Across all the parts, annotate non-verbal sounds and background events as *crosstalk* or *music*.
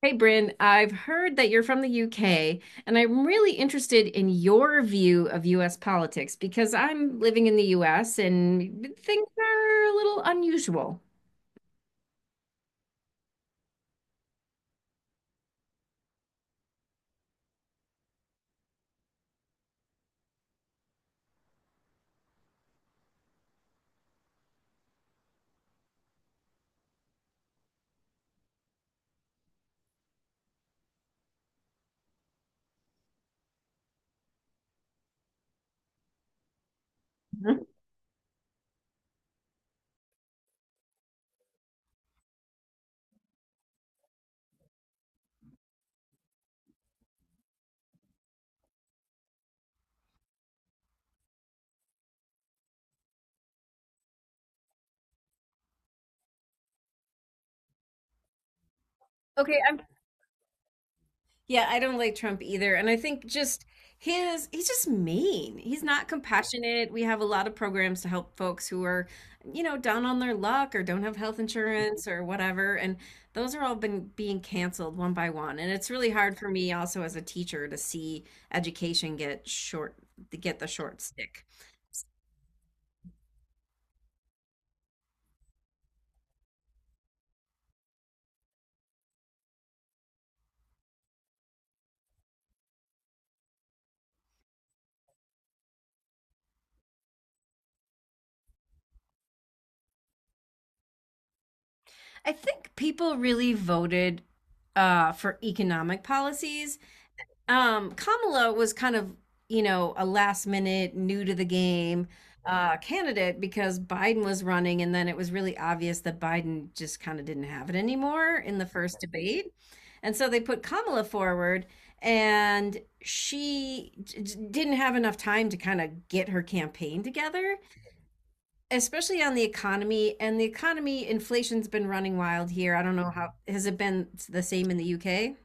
Hey, Bryn, I've heard that you're from the UK, and I'm really interested in your view of US politics because I'm living in the US and things are a little unusual. *laughs* Mhm. Okay, I'm Yeah, I don't like Trump either. And I think he's just mean. He's not compassionate. We have a lot of programs to help folks who are, you know, down on their luck or don't have health insurance or whatever. And those are all been being canceled one by one. And it's really hard for me also as a teacher to see education to get the short stick. I think people really voted for economic policies. Kamala was kind of, you know, a last minute new to the game candidate because Biden was running, and then it was really obvious that Biden just kind of didn't have it anymore in the first debate. And so they put Kamala forward, and didn't have enough time to kind of get her campaign together, especially on the economy. And the economy, inflation's been running wild here. I don't know how, has it been the same in the UK?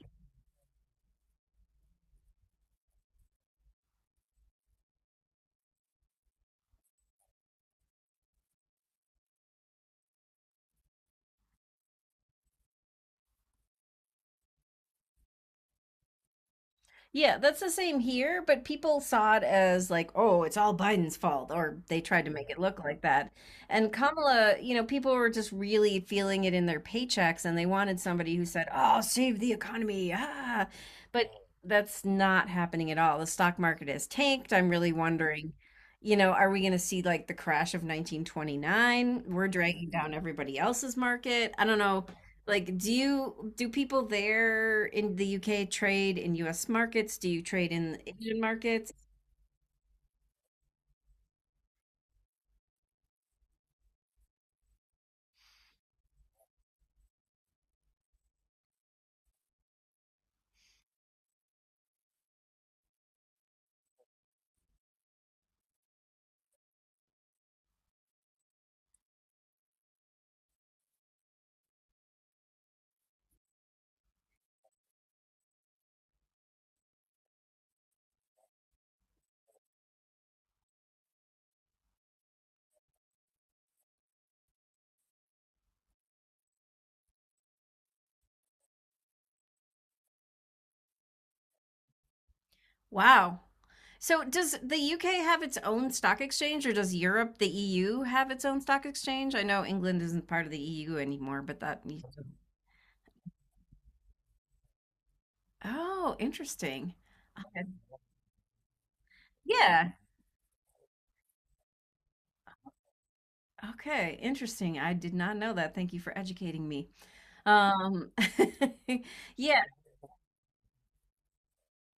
Yeah, that's the same here, but people saw it as like, oh, it's all Biden's fault, or they tried to make it look like that. And Kamala, you know, people were just really feeling it in their paychecks, and they wanted somebody who said, oh, save the economy. Ah. But that's not happening at all. The stock market has tanked. I'm really wondering, you know, are we going to see like the crash of 1929? We're dragging down everybody else's market. I don't know like, do people there in the UK trade in US markets? Do you trade in Asian markets? Wow. So does the UK have its own stock exchange, or does Europe, the EU, have its own stock exchange? I know England isn't part of the EU anymore, but that used to- Oh, interesting. Okay. Yeah. Okay, interesting. I did not know that. Thank you for educating me. Um, *laughs* yeah,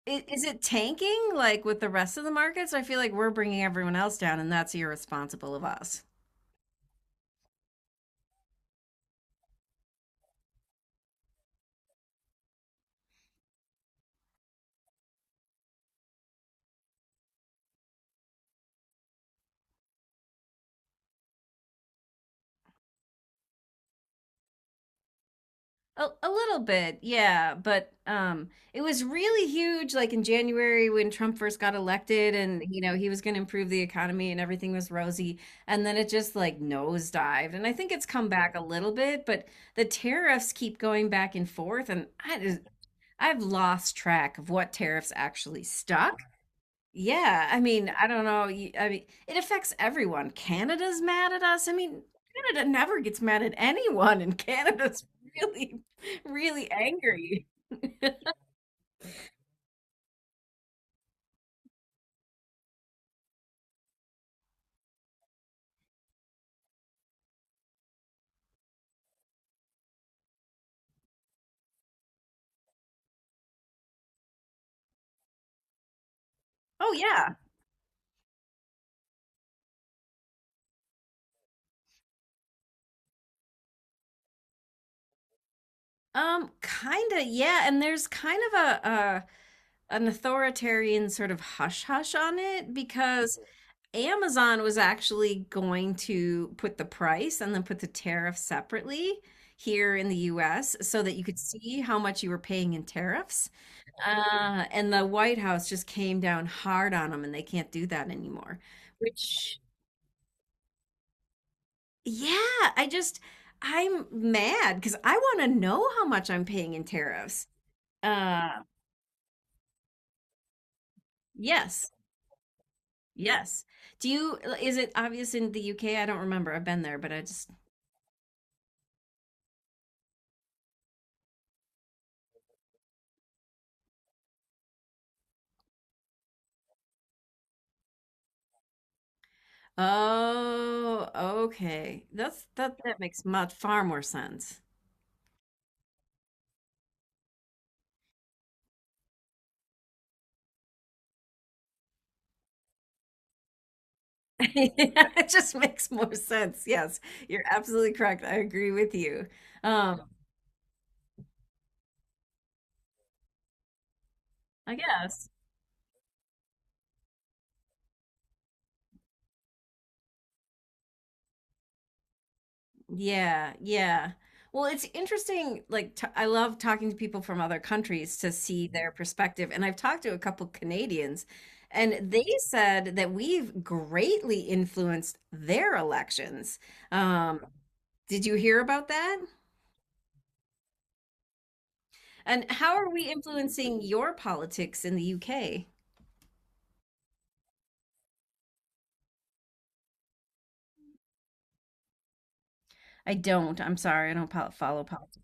I- Is it tanking like with the rest of the markets? I feel like we're bringing everyone else down, and that's irresponsible of us. A little bit, yeah, but it was really huge, like in January when Trump first got elected, and you know he was going to improve the economy and everything was rosy, and then it just like nosedived. And I think it's come back a little bit, but the tariffs keep going back and forth, and I've lost track of what tariffs actually stop. Yeah, I mean, I don't know. I mean, it affects everyone. Canada's mad at us. I mean, Canada never gets mad at anyone, and Canada's really, really angry. *laughs* Oh yeah. Kinda, yeah. And there's kind of an authoritarian sort of hush hush on it because Amazon was actually going to put the price and then put the tariff separately here in the US so that you could see how much you were paying in tariffs. And the White House just came down hard on them, and they can't do that anymore. Which, yeah, I'm mad because I want to know how much I'm paying in tariffs. Uh, yes, yes. Do you, is it obvious in the UK? I don't remember. I've been there, but oh, okay. That makes far more sense. *laughs* Yeah, it just makes more sense. Yes, you're absolutely correct. I agree with you. Um, I guess. Yeah, yeah. Well, it's interesting. Like, t I love talking to people from other countries to see their perspective. And I've talked to a couple Canadians, and they said that we've greatly influenced their elections. Um, did you hear about that? And how are we influencing your politics in the UK? I don't. I'm sorry. I don't pol follow politics.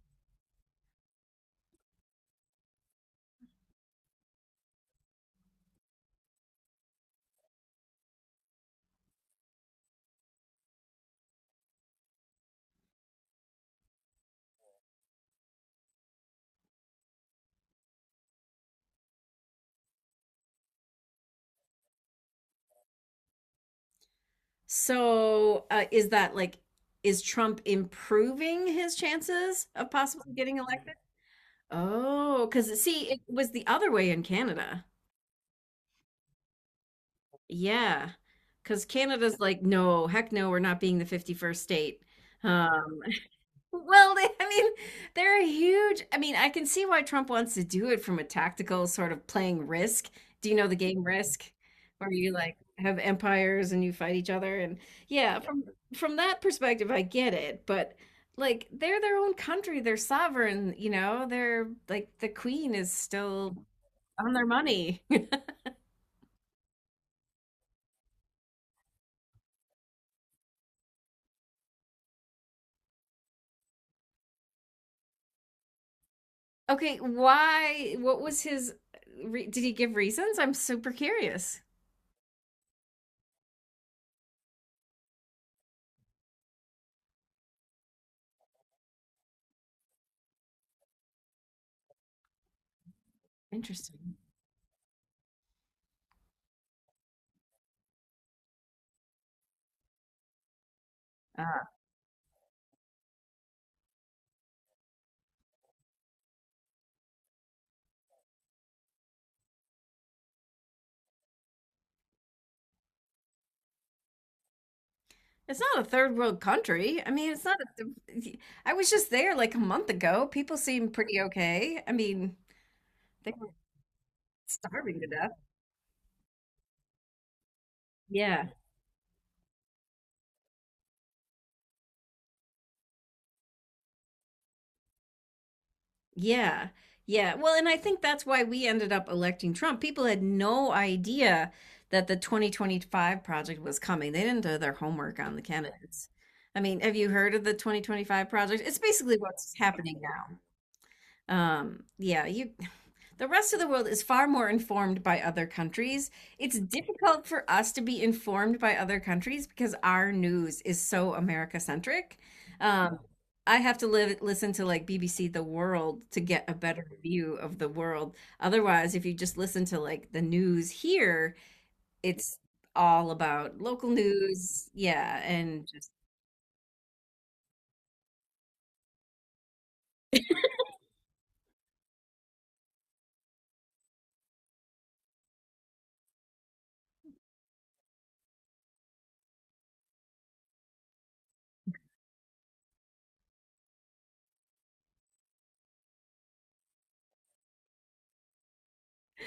So, is that like, is Trump improving his chances of possibly getting elected? Oh, because see, it was the other way in Canada. Yeah. Because Canada's like, no, heck no, we're not being the 51st state. Um, Well, I mean, they're a huge. I mean, I can see why Trump wants to do it from a tactical sort of playing Risk. Do you know the game Risk, where you like have empires and you fight each other? And yeah, from that perspective, I get it. But like, they're their own country. They're sovereign. You know, they're like the queen is still on their money. *laughs* Okay, why? What was his? Did he give reasons? I'm super curious. Interesting. It's not a third world country. I mean, it's not a, I was just there like a month ago. People seem pretty okay. I mean, they were starving to death. Yeah. Yeah. Yeah. Well, and I think that's why we ended up electing Trump. People had no idea that the 2025 project was coming. They didn't do their homework on the candidates. I mean, have you heard of the 2025 project? It's basically what's happening now. Yeah, you *sighs* the rest of the world is far more informed by other countries. It's difficult for us to be informed by other countries because our news is so America centric. Um, I have to listen to like BBC The World to get a better view of the world. Otherwise, if you just listen to like the news here, it's all about local news. Yeah. And just,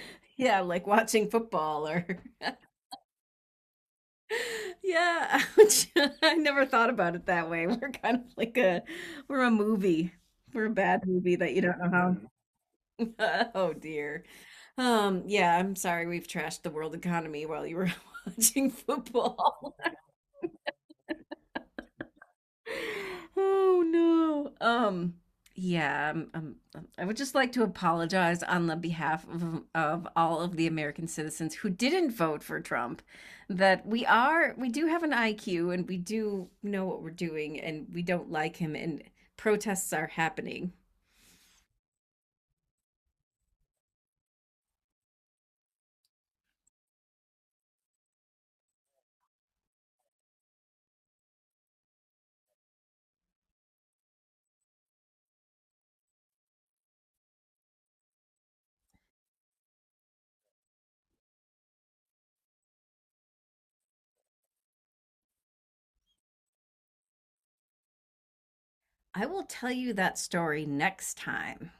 *laughs* yeah, like watching football or yeah, ouch. *laughs* I never thought about it that way. *laughs* We're kind of like a we're a movie. We're a bad movie that you don't know how. *laughs* Oh dear. Yeah, I'm sorry we've trashed the world economy while you were *laughs* watching football. *laughs* Oh no. Yeah, I would just like to apologize on the behalf of all of the American citizens who didn't vote for Trump, that we do have an IQ, and we do know what we're doing, and we don't like him, and protests are happening. I will tell you that story next time.